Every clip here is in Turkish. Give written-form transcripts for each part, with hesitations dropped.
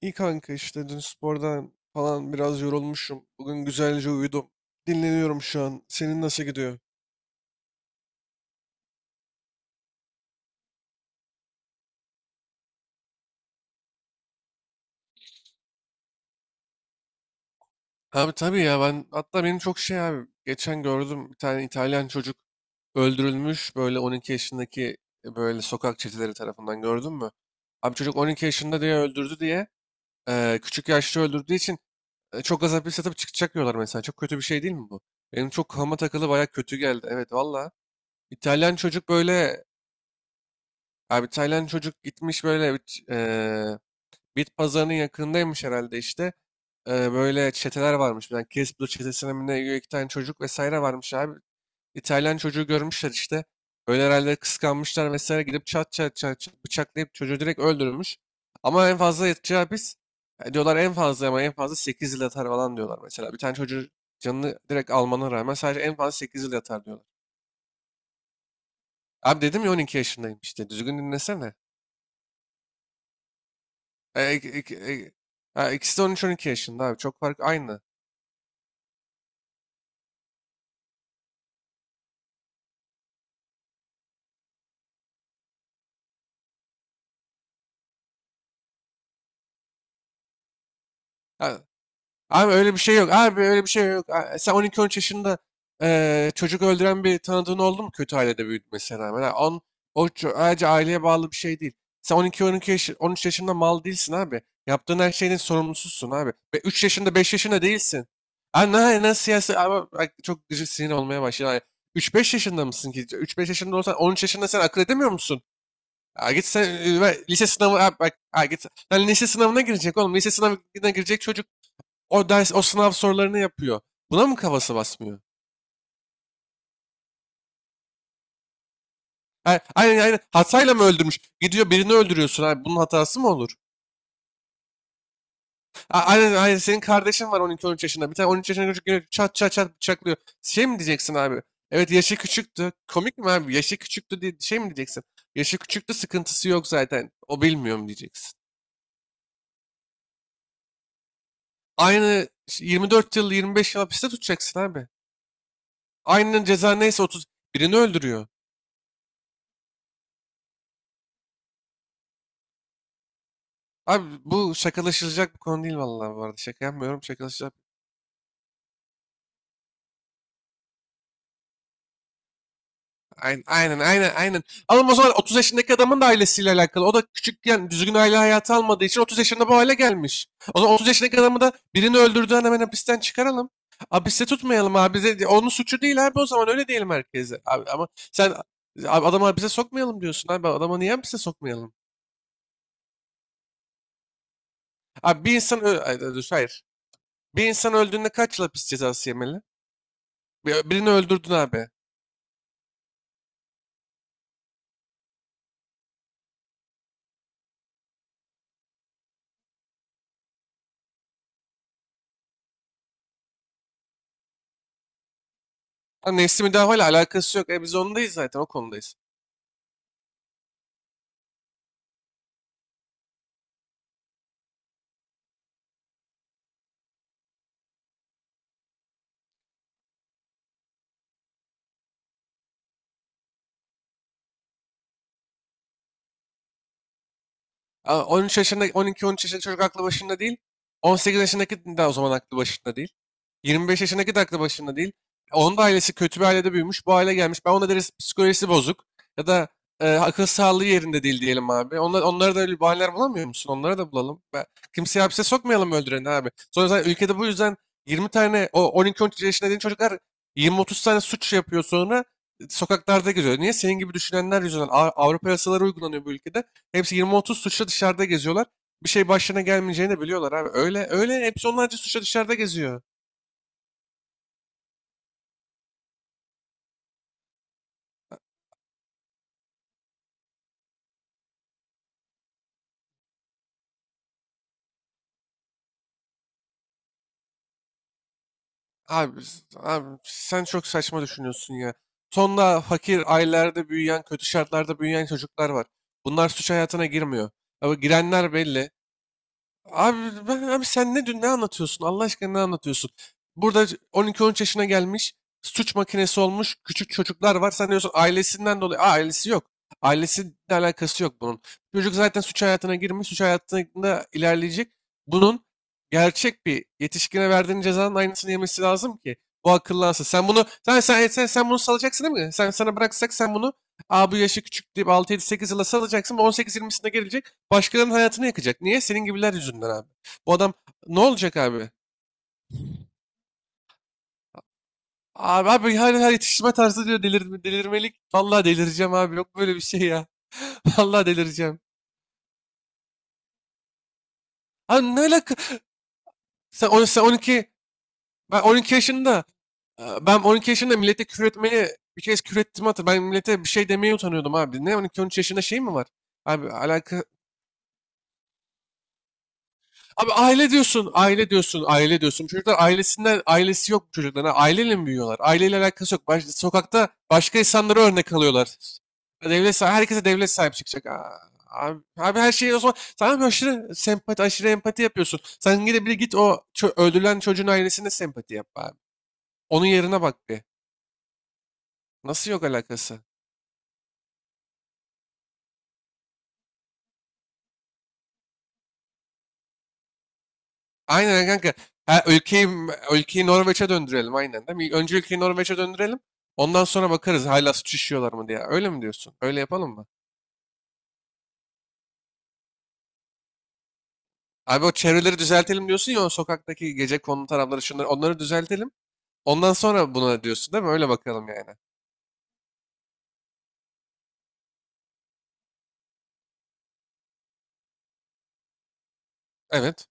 İyi kanka işte dün spordan falan biraz yorulmuşum. Bugün güzelce uyudum. Dinleniyorum şu an. Senin nasıl gidiyor? Abi tabii ya, ben hatta benim çok şey abi, geçen gördüm bir tane İtalyan çocuk öldürülmüş, böyle 12 yaşındaki, böyle sokak çeteleri tarafından. Gördün mü? Abi çocuk 12 yaşında diye öldürdü diye, küçük yaşta öldürdüğü için çok az hapis yatıp çıkacak diyorlar mesela. Çok kötü bir şey değil mi bu? Benim çok kafama takılı, baya kötü geldi. Evet valla. İtalyan çocuk böyle. Abi Tayland çocuk gitmiş böyle bit pazarının yakınındaymış herhalde işte. Böyle çeteler varmış. Bir tane Kiss çetesine mi ne üye, iki tane çocuk vesaire varmış abi. İtalyan çocuğu görmüşler işte. Öyle herhalde kıskanmışlar vesaire, gidip çat çat çat çat bıçaklayıp çocuğu direkt öldürmüş. Ama en fazla yatacağı hapis, diyorlar en fazla, ama en fazla 8 yıl yatar falan diyorlar mesela. Bir tane çocuğu canını direkt almana rağmen sadece en fazla 8 yıl yatar diyorlar. Abi dedim ya, 12 yaşındayım işte, düzgün dinlesene. E, ik- ik- ik- ha, ikisi de 13-12 yaşında abi. Çok fark aynı. Ha, abi öyle bir şey yok. Abi öyle bir şey yok. Ha, sen 12-13 yaşında çocuk öldüren bir tanıdığın oldu mu, kötü ailede büyütmesine rağmen? Ayrıca aileye bağlı bir şey değil. Sen on iki on iki yaş, 13 yaşında mal değilsin abi. Yaptığın her şeyin sorumlususun abi. Ve 3 yaşında, 5 yaşında değilsin. Abi ne siyasi ama bak, çok gıcık sinir olmaya başladı. Üç beş yaşında mısın ki? Üç beş yaşında olsan 13 yaşında sen akıl edemiyor musun? Ha, git sen lise sınavı, ha, bak, ha, git sen lise sınavına girecek oğlum. Lise sınavına girecek çocuk o ders, o sınav sorularını yapıyor. Buna mı kafası basmıyor? Ha, aynen aynen, hatayla mı öldürmüş? Gidiyor birini öldürüyorsun abi. Bunun hatası mı olur? Ha, aynen aynen, senin kardeşin var 12-13 yaşında. Bir tane 13 yaşında çocuk geliyor, çat çat çat bıçaklıyor. Şey mi diyeceksin abi? Evet, yaşı küçüktü. Komik mi abi? Yaşı küçüktü diye şey mi diyeceksin? Yaşı küçüktü, sıkıntısı yok zaten. O, bilmiyorum, diyeceksin. Aynı 24 yıl, 25 yıl hapiste tutacaksın abi. Aynen ceza neyse, 30. Birini öldürüyor. Abi bu şakalaşılacak bir konu değil vallahi, bu arada. Şaka yapmıyorum. Şakalaşılacak. Aynen, aynen, aynen, aynen. Alın, o zaman 30 yaşındaki adamın da ailesiyle alakalı. O da küçükken düzgün aile hayatı almadığı için 30 yaşında bu hale gelmiş. O zaman 30 yaşındaki adamı da, birini öldürdüğünden, hemen hapisten çıkaralım. Hapiste tutmayalım abi. Onun suçu değil abi, o zaman öyle diyelim herkese. Abi, ama sen, abi, adamı hapise sokmayalım diyorsun abi. Adama niye hapise sokmayalım? Abi bir insan ay, dur, hayır. Bir insan öldüğünde kaç yıl hapis cezası yemeli? Birini öldürdün abi. Ha, nefsi müdafaa alakası yok. Biz ondayız zaten, o konudayız. Ha, 13 yaşında, 12-13 yaşında çocuk aklı başında değil. 18 yaşındaki de o zaman aklı başında değil. 25 yaşındaki de aklı başında değil. Onun da ailesi kötü bir ailede büyümüş. Bu aile gelmiş. Ben ona deriz psikolojisi bozuk. Ya da akıl sağlığı yerinde değil diyelim abi. Onlara da öyle bahaneler bulamıyor musun? Onlara da bulalım. Kimseyi hapse sokmayalım öldüreni abi. Sonra zaten ülkede bu yüzden 20 tane o 12-13 yaşında dediğin çocuklar, 20-30 tane suç yapıyor, sonra sokaklarda geziyor. Niye? Senin gibi düşünenler yüzünden, Avrupa yasaları uygulanıyor bu ülkede. Hepsi 20-30 suçla dışarıda geziyorlar. Bir şey başlarına gelmeyeceğini de biliyorlar abi. Öyle öyle hepsi onlarca suçla dışarıda geziyor. Abi sen çok saçma düşünüyorsun ya. Tonla fakir ailelerde büyüyen, kötü şartlarda büyüyen çocuklar var. Bunlar suç hayatına girmiyor. Ama girenler belli. Abi, abi sen ne anlatıyorsun? Allah aşkına ne anlatıyorsun? Burada 12-13 yaşına gelmiş, suç makinesi olmuş küçük çocuklar var. Sen diyorsun ailesinden dolayı. Aa, ailesi yok. Ailesiyle alakası yok bunun. Çocuk zaten suç hayatına girmiş, suç hayatında ilerleyecek. Bunun gerçek bir yetişkine verdiğin cezanın aynısını yemesi lazım ki bu akıllansın. Sen bunu salacaksın, değil mi? Sen sana bıraksak sen bunu. Aa, bu yaşı küçük deyip 6-7-8 yıla salacaksın. 18-20'sinde gelecek. Başkalarının hayatını yakacak. Niye? Senin gibiler yüzünden abi. Bu adam ne olacak abi? Abi her yetiştirme tarzı diyor, delirmelik. Vallahi delireceğim abi. Yok böyle bir şey ya. Vallahi delireceğim. Abi ne alaka? Sen 12, ben 12 yaşında, ben 12 yaşında millete küfür etmeye bir kez küfür ettim hatır. Ben millete bir şey demeye utanıyordum abi. Ne 12-13 yaşında şey mi var? Abi alaka. Abi aile diyorsun, aile diyorsun, aile diyorsun. Çocuklar ailesinden, ailesi yok çocuklarına. Aileyle mi büyüyorlar? Aileyle alakası yok. Sokakta başka insanlara örnek alıyorlar. Herkese devlet sahip çıkacak. Aa. Abi her şeyi o zaman tamam, aşırı sempati, aşırı empati yapıyorsun. Sen gide bir git o öldürülen çocuğun ailesine sempati yap abi. Onun yerine bak bir. Nasıl yok alakası? Aynen kanka. Ha, ülkeyi Norveç'e döndürelim aynen, değil mi? Önce ülkeyi Norveç'e döndürelim. Ondan sonra bakarız hala suç işliyorlar mı diye. Öyle mi diyorsun? Öyle yapalım mı? Abi, o çevreleri düzeltelim diyorsun ya, o sokaktaki gece kondu tarafları, şunları onları düzeltelim. Ondan sonra buna diyorsun, değil mi? Öyle bakalım yani. Evet.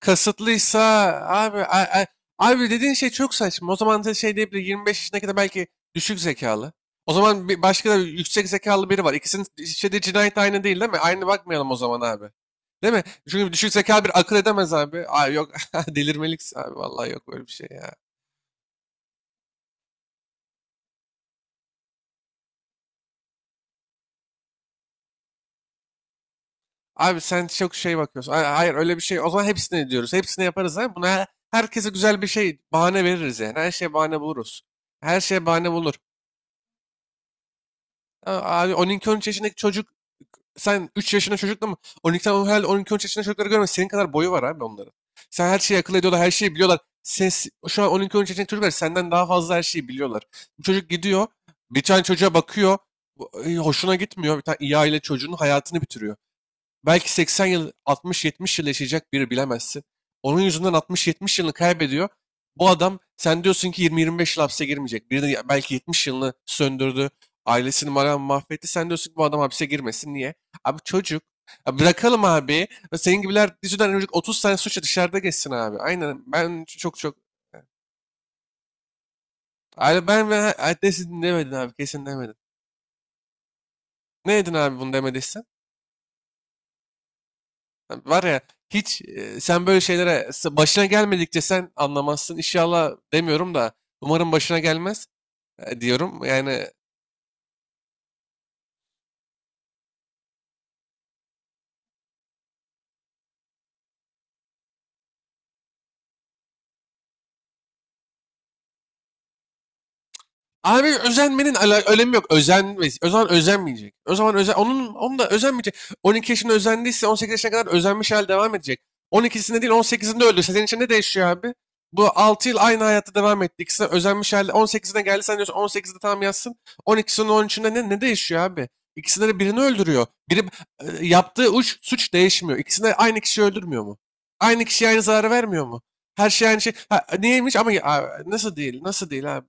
Kasıtlıysa, abi a- a- abi dediğin şey çok saçma. O zaman da şey diyebilir, 25 yaşına kadar belki düşük zekalı. O zaman bir başka da yüksek zekalı biri var. İkisinin işlediği cinayet aynı değil, değil mi? Aynı bakmayalım o zaman abi. Değil mi? Çünkü düşük zekalı bir akıl edemez abi. Abi yok, delirmelik abi, vallahi yok böyle bir şey ya. Abi sen çok şey bakıyorsun. Hayır, öyle bir şey. O zaman hepsini diyoruz. Hepsini yaparız abi. Buna herkese güzel bir şey bahane veririz yani. Her şeye bahane buluruz. Her şeye bahane bulur. A- Abi on iki on üç yaşındaki çocuk. Sen 3 yaşında çocukla mı? 12 tane herhalde, 12 üç yaşında çocukları görme. Senin kadar boyu var abi onların. Sen her şeyi akıl ediyorlar, her şeyi biliyorlar. Ses, şu an 12-13 yaşındaki çocuklar senden daha fazla her şeyi biliyorlar. Bu çocuk gidiyor, bir tane çocuğa bakıyor, hoşuna gitmiyor. Bir tane iyi aile çocuğunun hayatını bitiriyor. Belki 80 yıl, 60-70 yıl yaşayacak biri, bilemezsin. Onun yüzünden 60-70 yılını kaybediyor. Bu adam sen diyorsun ki 20-25 yıl hapse girmeyecek. Biri de belki 70 yılını söndürdü. Ailesini malam mahvetti. Sen diyorsun ki bu adam hapse girmesin. Niye? Abi çocuk. Ya bırakalım abi. Senin gibiler yüzünden önce 30 sene suçla dışarıda geçsin abi. Aynen. Ben çok çok. Evet. Abi ben ve adresini demedin abi. Kesin demedin. Ne dedin abi bunu demediysen? Var ya, hiç sen böyle şeylere başına gelmedikçe sen anlamazsın. İnşallah demiyorum da, umarım başına gelmez, diyorum. Yani. Abi özenmenin önemi yok. O zaman özenmeyecek. O zaman onun da özenmeyecek. 12 yaşında özendiyse 18 yaşına kadar özenmiş hal devam edecek. 12'sinde değil 18'inde öldürse senin için ne değişiyor abi? Bu 6 yıl aynı hayata devam etti. İkisi de özenmiş halde 18'ine geldi, sen diyorsun 18'de tam yatsın. 12'sinin 13'ünde ne değişiyor abi? İkisinde de birini öldürüyor. Biri yaptığı suç değişmiyor. İkisinde aynı kişi öldürmüyor mu? Aynı kişiye aynı zararı vermiyor mu? Her şey aynı şey. Ha, neymiş ama nasıl değil? Nasıl değil abi?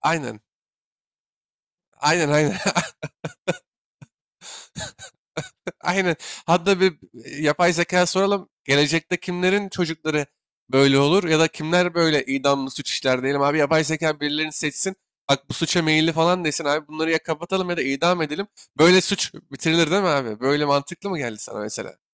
Aynen. Aynen, aynen. Aynen. Hatta bir yapay zeka soralım. Gelecekte kimlerin çocukları böyle olur ya da kimler böyle idamlı suç işler diyelim abi. Yapay zeka birilerini seçsin. Bak, bu suça meyilli falan desin abi. Bunları ya kapatalım, ya da idam edelim. Böyle suç bitirilir, değil mi abi? Böyle mantıklı mı geldi sana mesela?